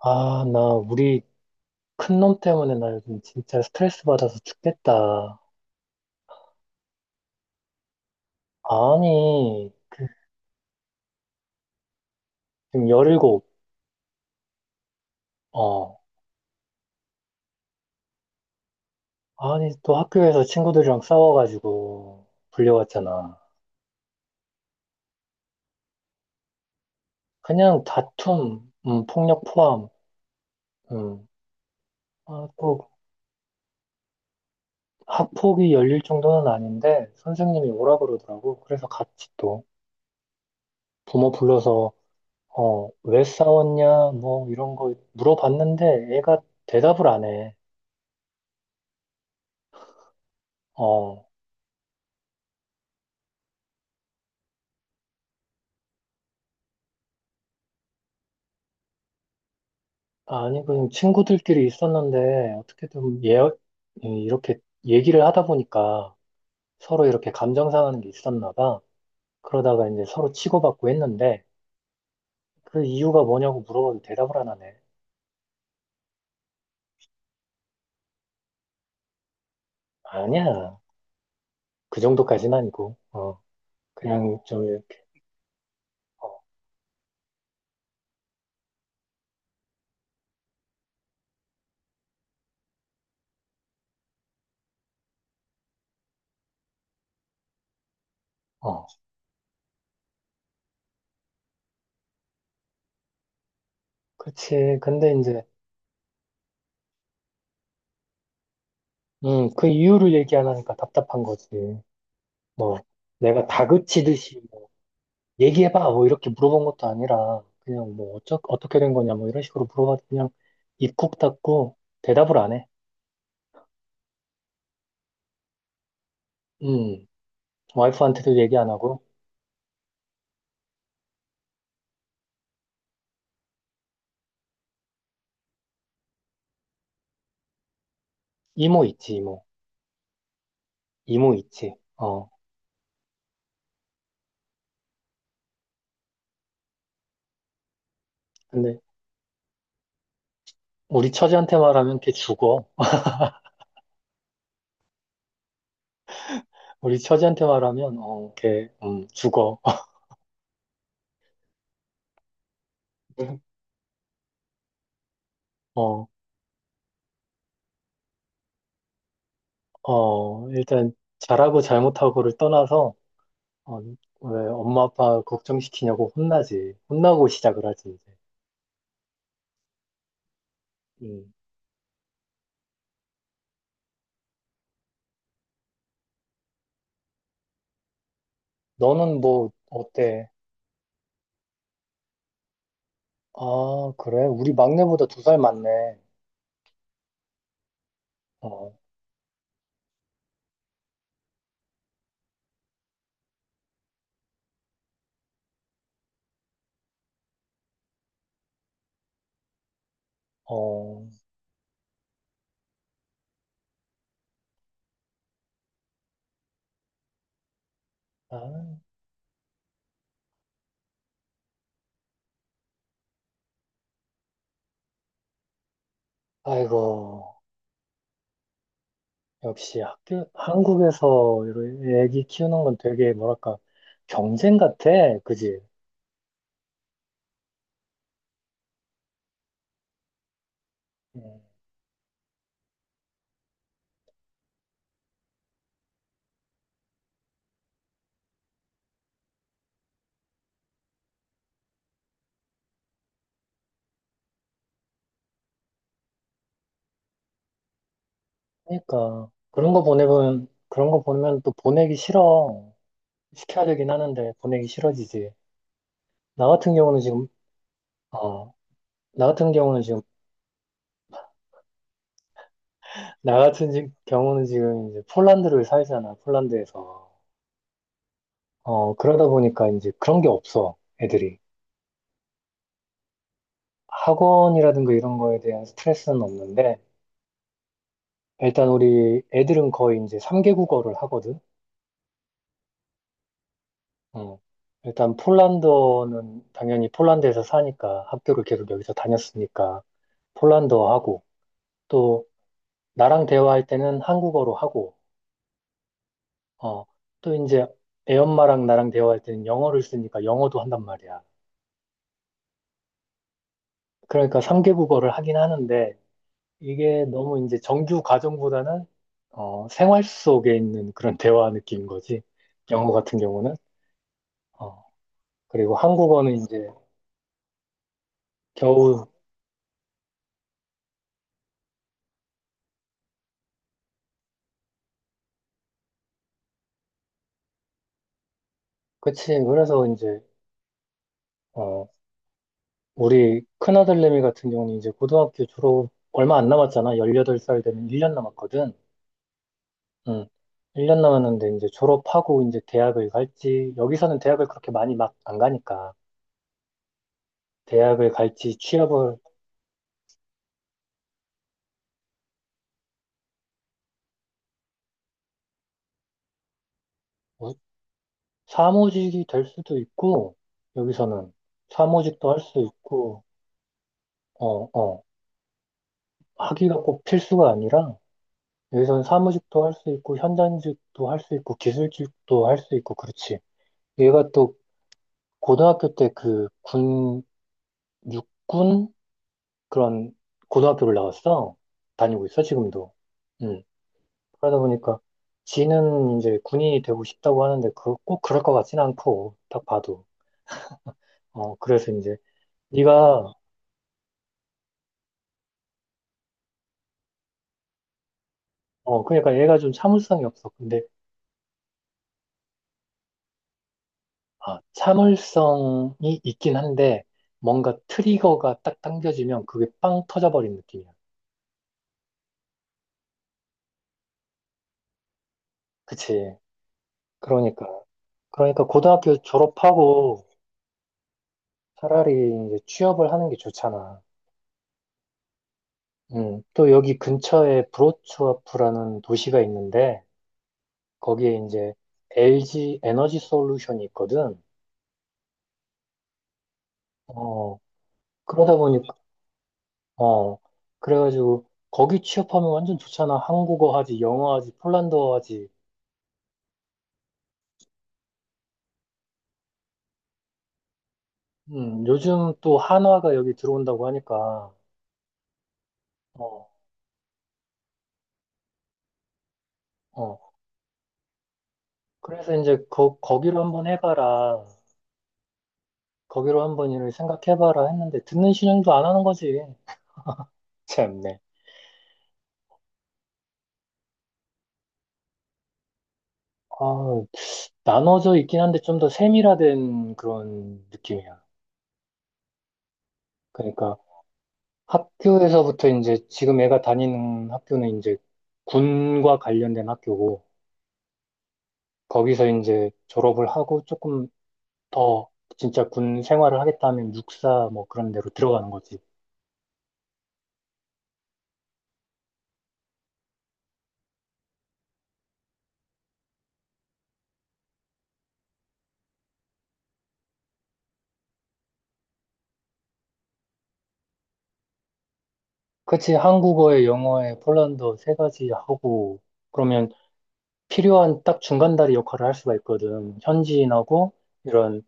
아, 나 우리 큰 놈 때문에 나 요즘 진짜 스트레스 받아서 죽겠다. 아니, 그, 지금 17, 어. 아니, 또 학교에서 친구들이랑 싸워가지고 불려왔잖아. 그냥 다툼, 폭력 포함, 음. 아, 또 학폭이 열릴 정도는 아닌데 선생님이 오라 그러더라고. 그래서 같이 또 부모 불러서 어, 왜 싸웠냐, 뭐 이런 거 물어봤는데 애가 대답을 안 해. 어. 아니, 그냥 친구들끼리 있었는데, 어떻게든 예, 예, 이렇게 얘기를 하다 보니까 서로 이렇게 감정 상하는 게 있었나 봐. 그러다가 이제 서로 치고받고 했는데, 그 이유가 뭐냐고 물어봐도 대답을 안 하네. 아니야. 그 정도까지는 아니고, 어, 그냥 좀 이렇게, 어, 어, 그치. 근데 이제, 그 이유를 얘기 안 하니까 답답한 거지. 뭐, 내가 다그치듯이 얘기해봐 뭐 이렇게 물어본 것도 아니라 그냥 뭐 어떻게 된 거냐 뭐 이런 식으로 물어봐도 그냥 입국 닫고 대답을 안 해. 음, 와이프한테도 얘기 안 하고 이모 있지 이모 이모 있지. 어, 근데 우리 처지한테 말하면 걔 죽어. 우리 처지한테 말하면 어걔 죽어. 어, 어, 일단 잘하고 잘못하고를 떠나서 어, 왜 엄마 아빠 걱정시키냐고 혼나지. 혼나고 시작을 하지 이제. 음. 너는 뭐 어때? 아, 그래? 우리 막내보다 2살 많네. 어, 어, 아, 아이고. 역시 학교, 한국에서 이런 애기 키우는 건 되게 뭐랄까, 경쟁 같아. 그지? 음, 그러니까. 그런 거 보내면, 그런 거 보면 또 보내기 싫어. 시켜야 되긴 하는데, 보내기 싫어지지. 나 같은 경우는 지금, 어, 나 같은 경우는 지금, 경우는 지금 이제 폴란드를 살잖아, 폴란드에서. 어, 그러다 보니까 이제 그런 게 없어, 애들이. 학원이라든가 이런 거에 대한 스트레스는 없는데, 일단 우리 애들은 거의 이제 3개 국어를 하거든. 어. 일단 폴란드어는 당연히 폴란드에서 사니까 학교를 계속 여기서 다녔으니까 폴란드어 하고, 또 나랑 대화할 때는 한국어로 하고, 어. 또 이제 애 엄마랑 나랑 대화할 때는 영어를 쓰니까 영어도 한단 말이야. 그러니까 3개 국어를 하긴 하는데, 이게 너무 이제 정규 과정보다는 어, 생활 속에 있는 그런 대화 느낌인 거지. 영어 같은 경우는. 어, 그리고 한국어는 이제 겨우, 그치. 그래서 이제, 어, 우리 큰아들내미 같은 경우는 이제 고등학교 졸업 얼마 안 남았잖아. 18살 되면 1년 남았거든. 응. 1년 남았는데 이제 졸업하고 이제 대학을 갈지, 여기서는 대학을 그렇게 많이 막 안 가니까. 대학을 갈지 취업을, 사무직이 될 수도 있고, 여기서는 사무직도 할 수 있고, 어, 어, 학위가 꼭 필수가 아니라, 여기서는 사무직도 할 수 있고, 현장직도 할 수 있고, 기술직도 할 수 있고, 그렇지. 얘가 또 고등학교 때 그 군, 육군? 그런 고등학교를 나왔어. 다니고 있어, 지금도. 음. 그러다 보니까, 지는 이제 군인이 되고 싶다고 하는데, 그, 꼭 그럴 것 같진 않고, 딱 봐도. 어, 그래서 이제, 네가, 어, 그러니까 얘가 좀 참을성이 없어. 근데, 아, 참을성이 있긴 한데, 뭔가 트리거가 딱 당겨지면 그게 빵 터져버린 느낌이야. 그치. 그러니까. 그러니까 고등학교 졸업하고 차라리 이제 취업을 하는 게 좋잖아. 또 여기 근처에 브로츠와프라는 도시가 있는데, 거기에 이제 LG 에너지 솔루션이 있거든. 어, 그러다 보니 어, 그래가지고, 거기 취업하면 완전 좋잖아. 한국어 하지, 영어 하지, 폴란드어 하지. 요즘 또 한화가 여기 들어온다고 하니까, 어, 어. 그래서 이제 거기로 한번 해봐라. 거기로 한번 일을 생각해봐라 했는데, 듣는 신용도 안 하는 거지. 참네. 아, 나눠져 있긴 한데 좀 더 세밀화된 그런 느낌이야. 그러니까 학교에서부터 이제 지금 애가 다니는 학교는 이제 군과 관련된 학교고, 거기서 이제 졸업을 하고 조금 더 진짜 군 생활을 하겠다 하면 육사 뭐 그런 데로 들어가는 거지. 그치, 한국어에 영어에 폴란드어 3가지 하고, 그러면 필요한 딱 중간다리 역할을 할 수가 있거든. 현지인하고 이런,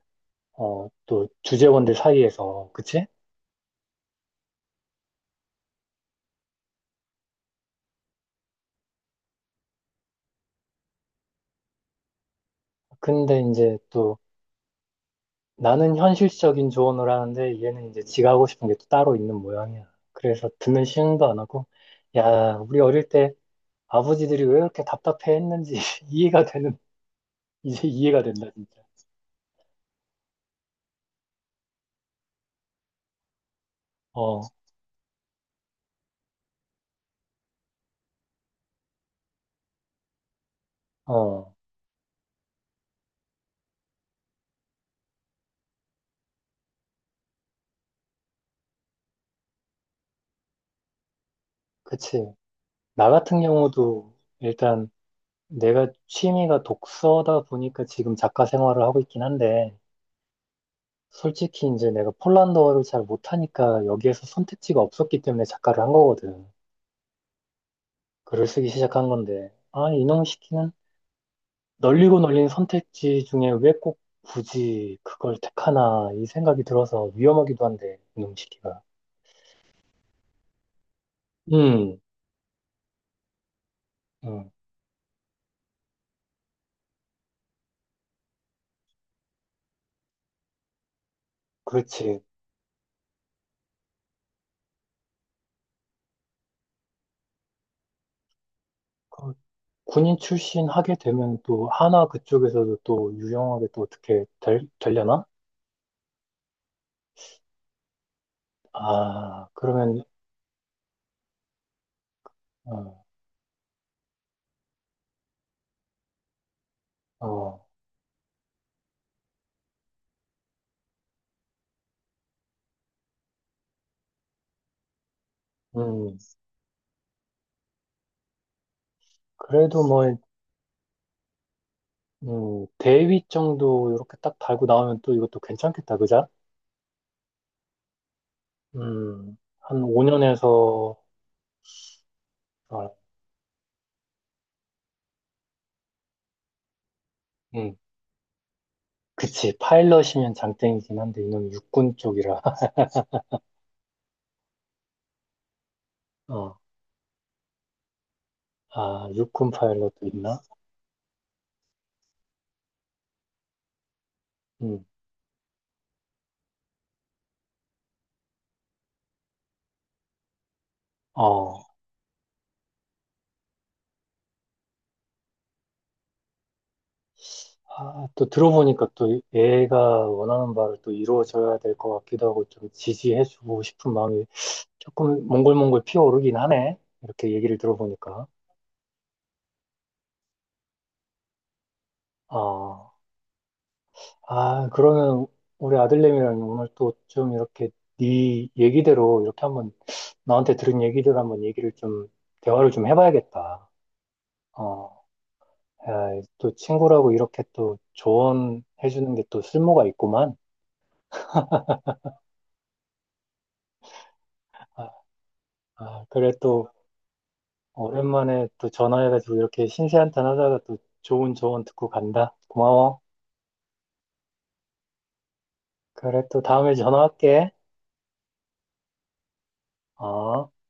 어, 또 주재원들 사이에서. 그치? 근데 이제 또 나는 현실적인 조언을 하는데 얘는 이제 지가 하고 싶은 게 또 따로 있는 모양이야. 그래서 듣는 시음도 안 하고, 야, 우리 어릴 때 아버지들이 왜 이렇게 답답해했는지 이해가 되는 이제 이해가 된다 진짜. 어, 어, 그치. 나 같은 경우도 일단 내가 취미가 독서다 보니까 지금 작가 생활을 하고 있긴 한데 솔직히 이제 내가 폴란드어를 잘 못하니까 여기에서 선택지가 없었기 때문에 작가를 한 거거든. 글을 쓰기 시작한 건데 아 이놈 시키는 널리고 널린 선택지 중에 왜 꼭 굳이 그걸 택하나 이 생각이 들어서 위험하기도 한데 이놈 시키가. 음. 음, 그렇지. 그 군인 출신 하게 되면 또 하나 그쪽에서도 또 유용하게 또 어떻게 되려나? 아, 그러면, 어, 어, 음, 그래도 뭐, 대위 정도 이렇게 딱 달고 나오면 또 이것도 괜찮겠다, 그자? 한 5년에서, 어, 음, 그치. 파일럿이면 장땡이긴 한데, 이놈 육군 쪽이라. 어, 아, 육군 파일럿도 있나? 음, 어. 아, 또 들어보니까 또 얘가 원하는 바를 또 이루어져야 될 것 같기도 하고 좀 지지해주고 싶은 마음이 조금 몽골몽골 피어오르긴 하네. 이렇게 얘기를 들어보니까. 아, 아, 그러면 우리 아들내미랑 오늘 또 좀 이렇게 네 얘기대로 이렇게 한번 나한테 들은 얘기대로 한번 얘기를 좀 대화를 좀 해봐야겠다. 어, 야, 또 친구라고 이렇게 또 조언해주는 게 또 쓸모가 있구만. 아, 아, 그래 또. 어, 오랜만에 또 전화해가지고 이렇게 신세한탄 하다가 또 좋은 조언 듣고 간다. 고마워. 그래, 또 다음에 전화할게. 어.